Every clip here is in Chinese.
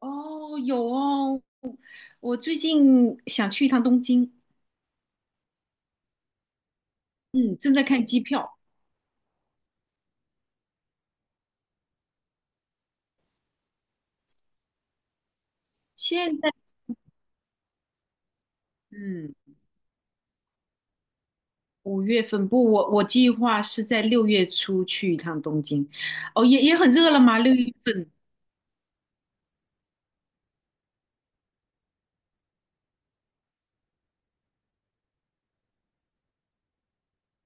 哦，有哦，我最近想去一趟东京，嗯正在看机票。现在，嗯，五月份不，我计划是在六月初去一趟东京。哦，也很热了吗？六月份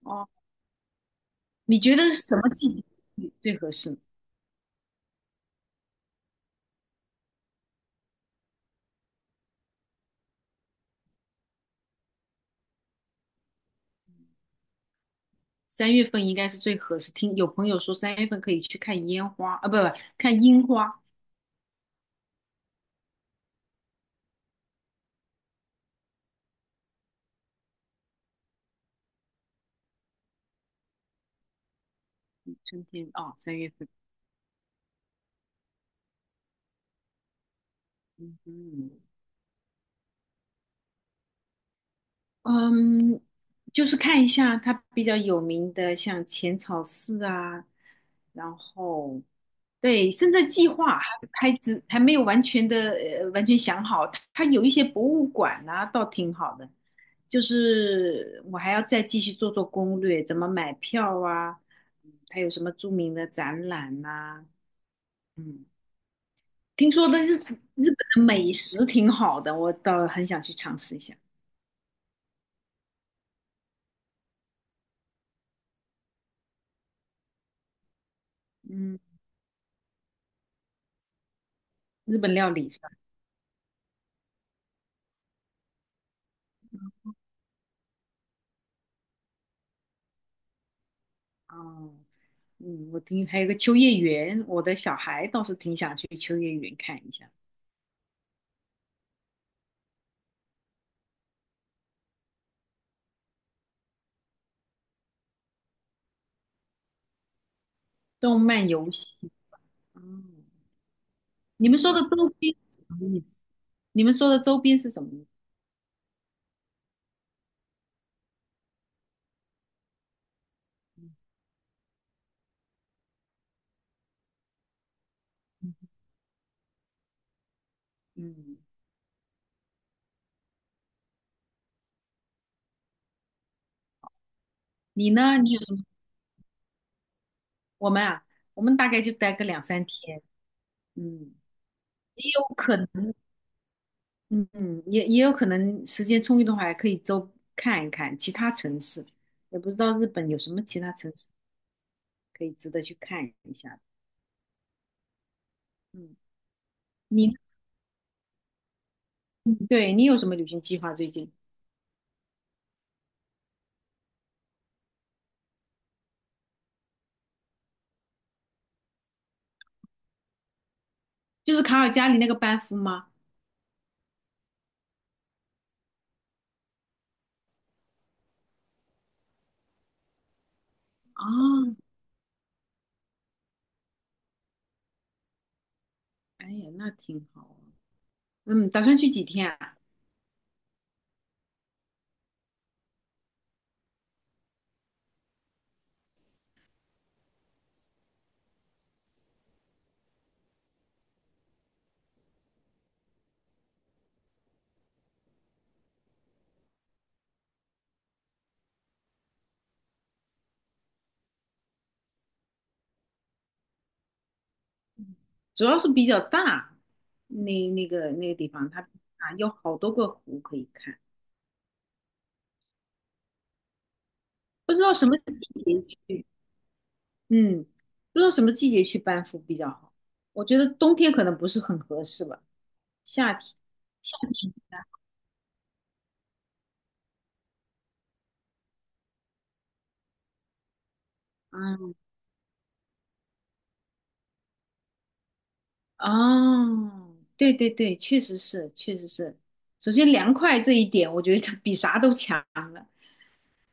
哦，你觉得什么季节去最合适呢？三月份应该是最合适。听有朋友说三月份可以去看烟花，啊，不，看樱花。春天啊，三月份。嗯哼，嗯，就是看一下它比较有名的，像浅草寺啊，然后对，现在计划还还没有完全的完全想好，它有一些博物馆啊，倒挺好的，就是我还要再继续做做攻略，怎么买票啊，嗯它有什么著名的展览呐、嗯，听说的日本的美食挺好的，我倒很想去尝试一下。嗯，日本料理是吧？哦。嗯，我听还有个秋叶原，我的小孩倒是挺想去秋叶原看一下。动漫游戏，哦，你们说的周边是什么意思？你们说的周边是什么意思？嗯，你呢？你有什么？我们啊，我们大概就待个两三天。嗯，也有可能，嗯，嗯也有可能时间充裕的话，还可以周看一看其他城市，也不知道日本有什么其他城市可以值得去看一下。嗯，你。嗯，对，你有什么旅行计划最近？就是卡尔加里那个班夫吗？啊，哎呀，那挺好啊。嗯，打算去几天啊？主要是比较大，那个那个地方它啊有好多个湖可以看，不知道什么季节去。嗯，不知道什么季节去班夫比较好。我觉得冬天可能不是很合适吧，夏天，夏天。啊。哦，对对对，确实是，确实是。首先，凉快这一点，我觉得比啥都强了。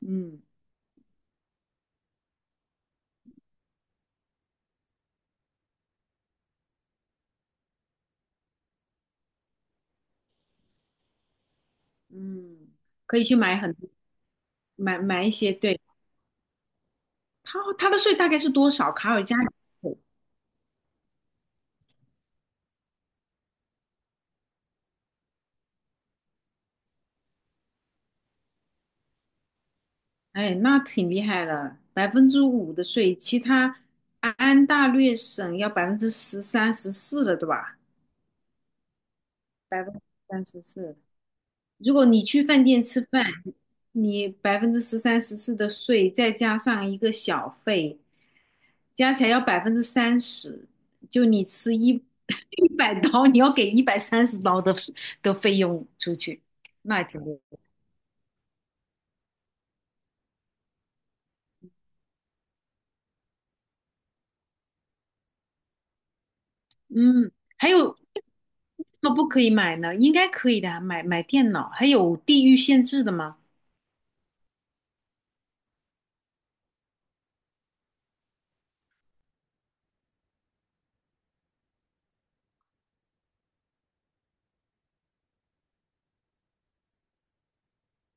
嗯嗯，可以去买很买一些。对，他的税大概是多少？卡尔加里税，哎，那挺厉害的，5%的税，其他安大略省要百分之十三、十四了，对吧？34%，如果你去饭店吃饭，你百分之十三、十四的税，再加上一个小费，加起来要百分之三十。就你吃一 $100，你要给$130的费用出去，那也挺多。嗯，还有为什么不可以买呢？应该可以的啊买电脑，还有地域限制的吗？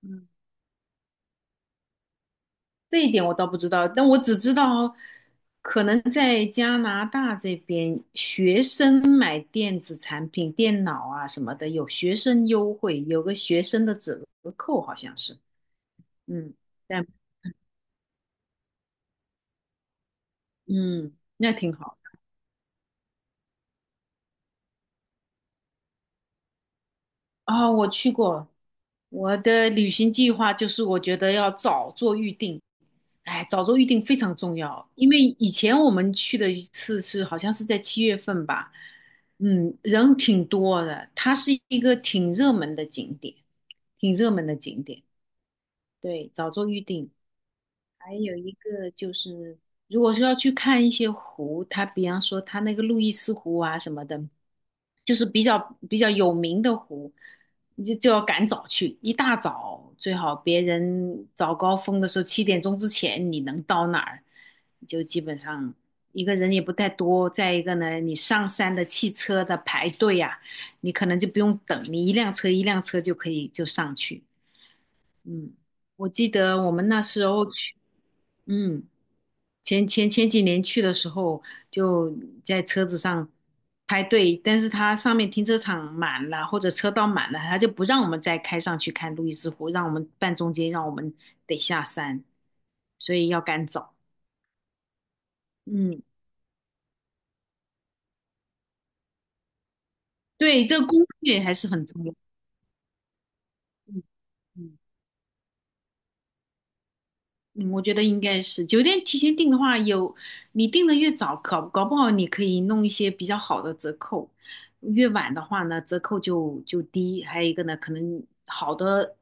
嗯这一点我倒不知道，但我只知道，可能在加拿大这边，学生买电子产品、电脑啊什么的，有学生优惠，有个学生的折扣，好像是。嗯，但嗯，那挺好。哦，我去过，我的旅行计划就是我觉得要早做预定，哎，早做预定非常重要，因为以前我们去的一次是好像是在七月份吧。嗯，人挺多的，它是一个挺热门的景点，挺热门的景点，对，早做预定。还有一个就是，如果说要去看一些湖，它比方说它那个路易斯湖啊什么的，就是比较有名的湖，你就要赶早去，一大早最好别人早高峰的时候7点钟之前你能到哪儿，就基本上一个人也不太多。再一个呢，你上山的汽车的排队呀、你可能就不用等，你一辆车一辆车就可以就上去。嗯，我记得我们那时候去，嗯。前几年去的时候，就在车子上排队，但是它上面停车场满了，或者车道满了，它就不让我们再开上去看路易斯湖，让我们半中间，让我们得下山，所以要赶早。嗯，对，这个攻略还是很重要。嗯嗯。嗯，我觉得应该是酒店提前订的话有，你订的越早，搞不好你可以弄一些比较好的折扣；越晚的话呢，折扣就低。还有一个呢，可能好的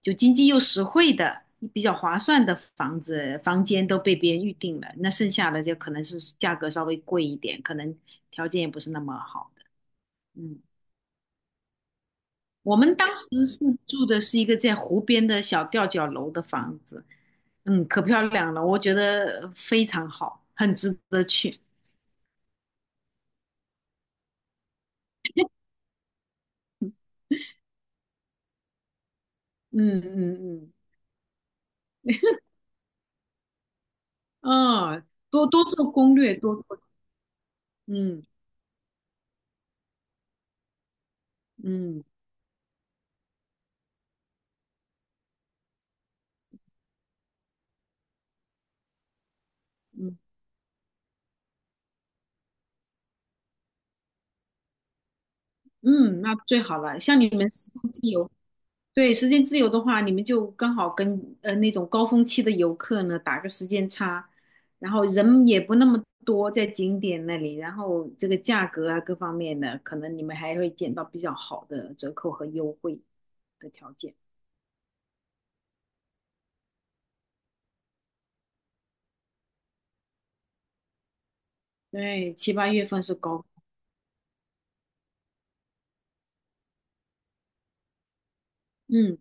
就经济又实惠的、比较划算的房间都被别人预定了，那剩下的就可能是价格稍微贵一点，可能条件也不是那么好的。嗯我们当时是住的是一个在湖边的小吊脚楼的房子，嗯，可漂亮了，我觉得非常好，很值得去。嗯嗯嗯，嗯，多多做攻略，多做，嗯嗯嗯嗯，那最好了。像你们时间自由，对，时间自由的话，你们就刚好跟那种高峰期的游客呢打个时间差，然后人也不那么多在景点那里，然后这个价格啊各方面的，可能你们还会捡到比较好的折扣和优惠的条件。对，七八月份是高，嗯，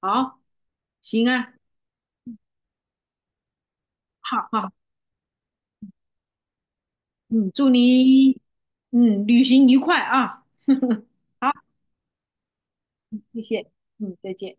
好，行啊，好好，嗯，祝你旅行愉快啊，好，谢谢，嗯，再见。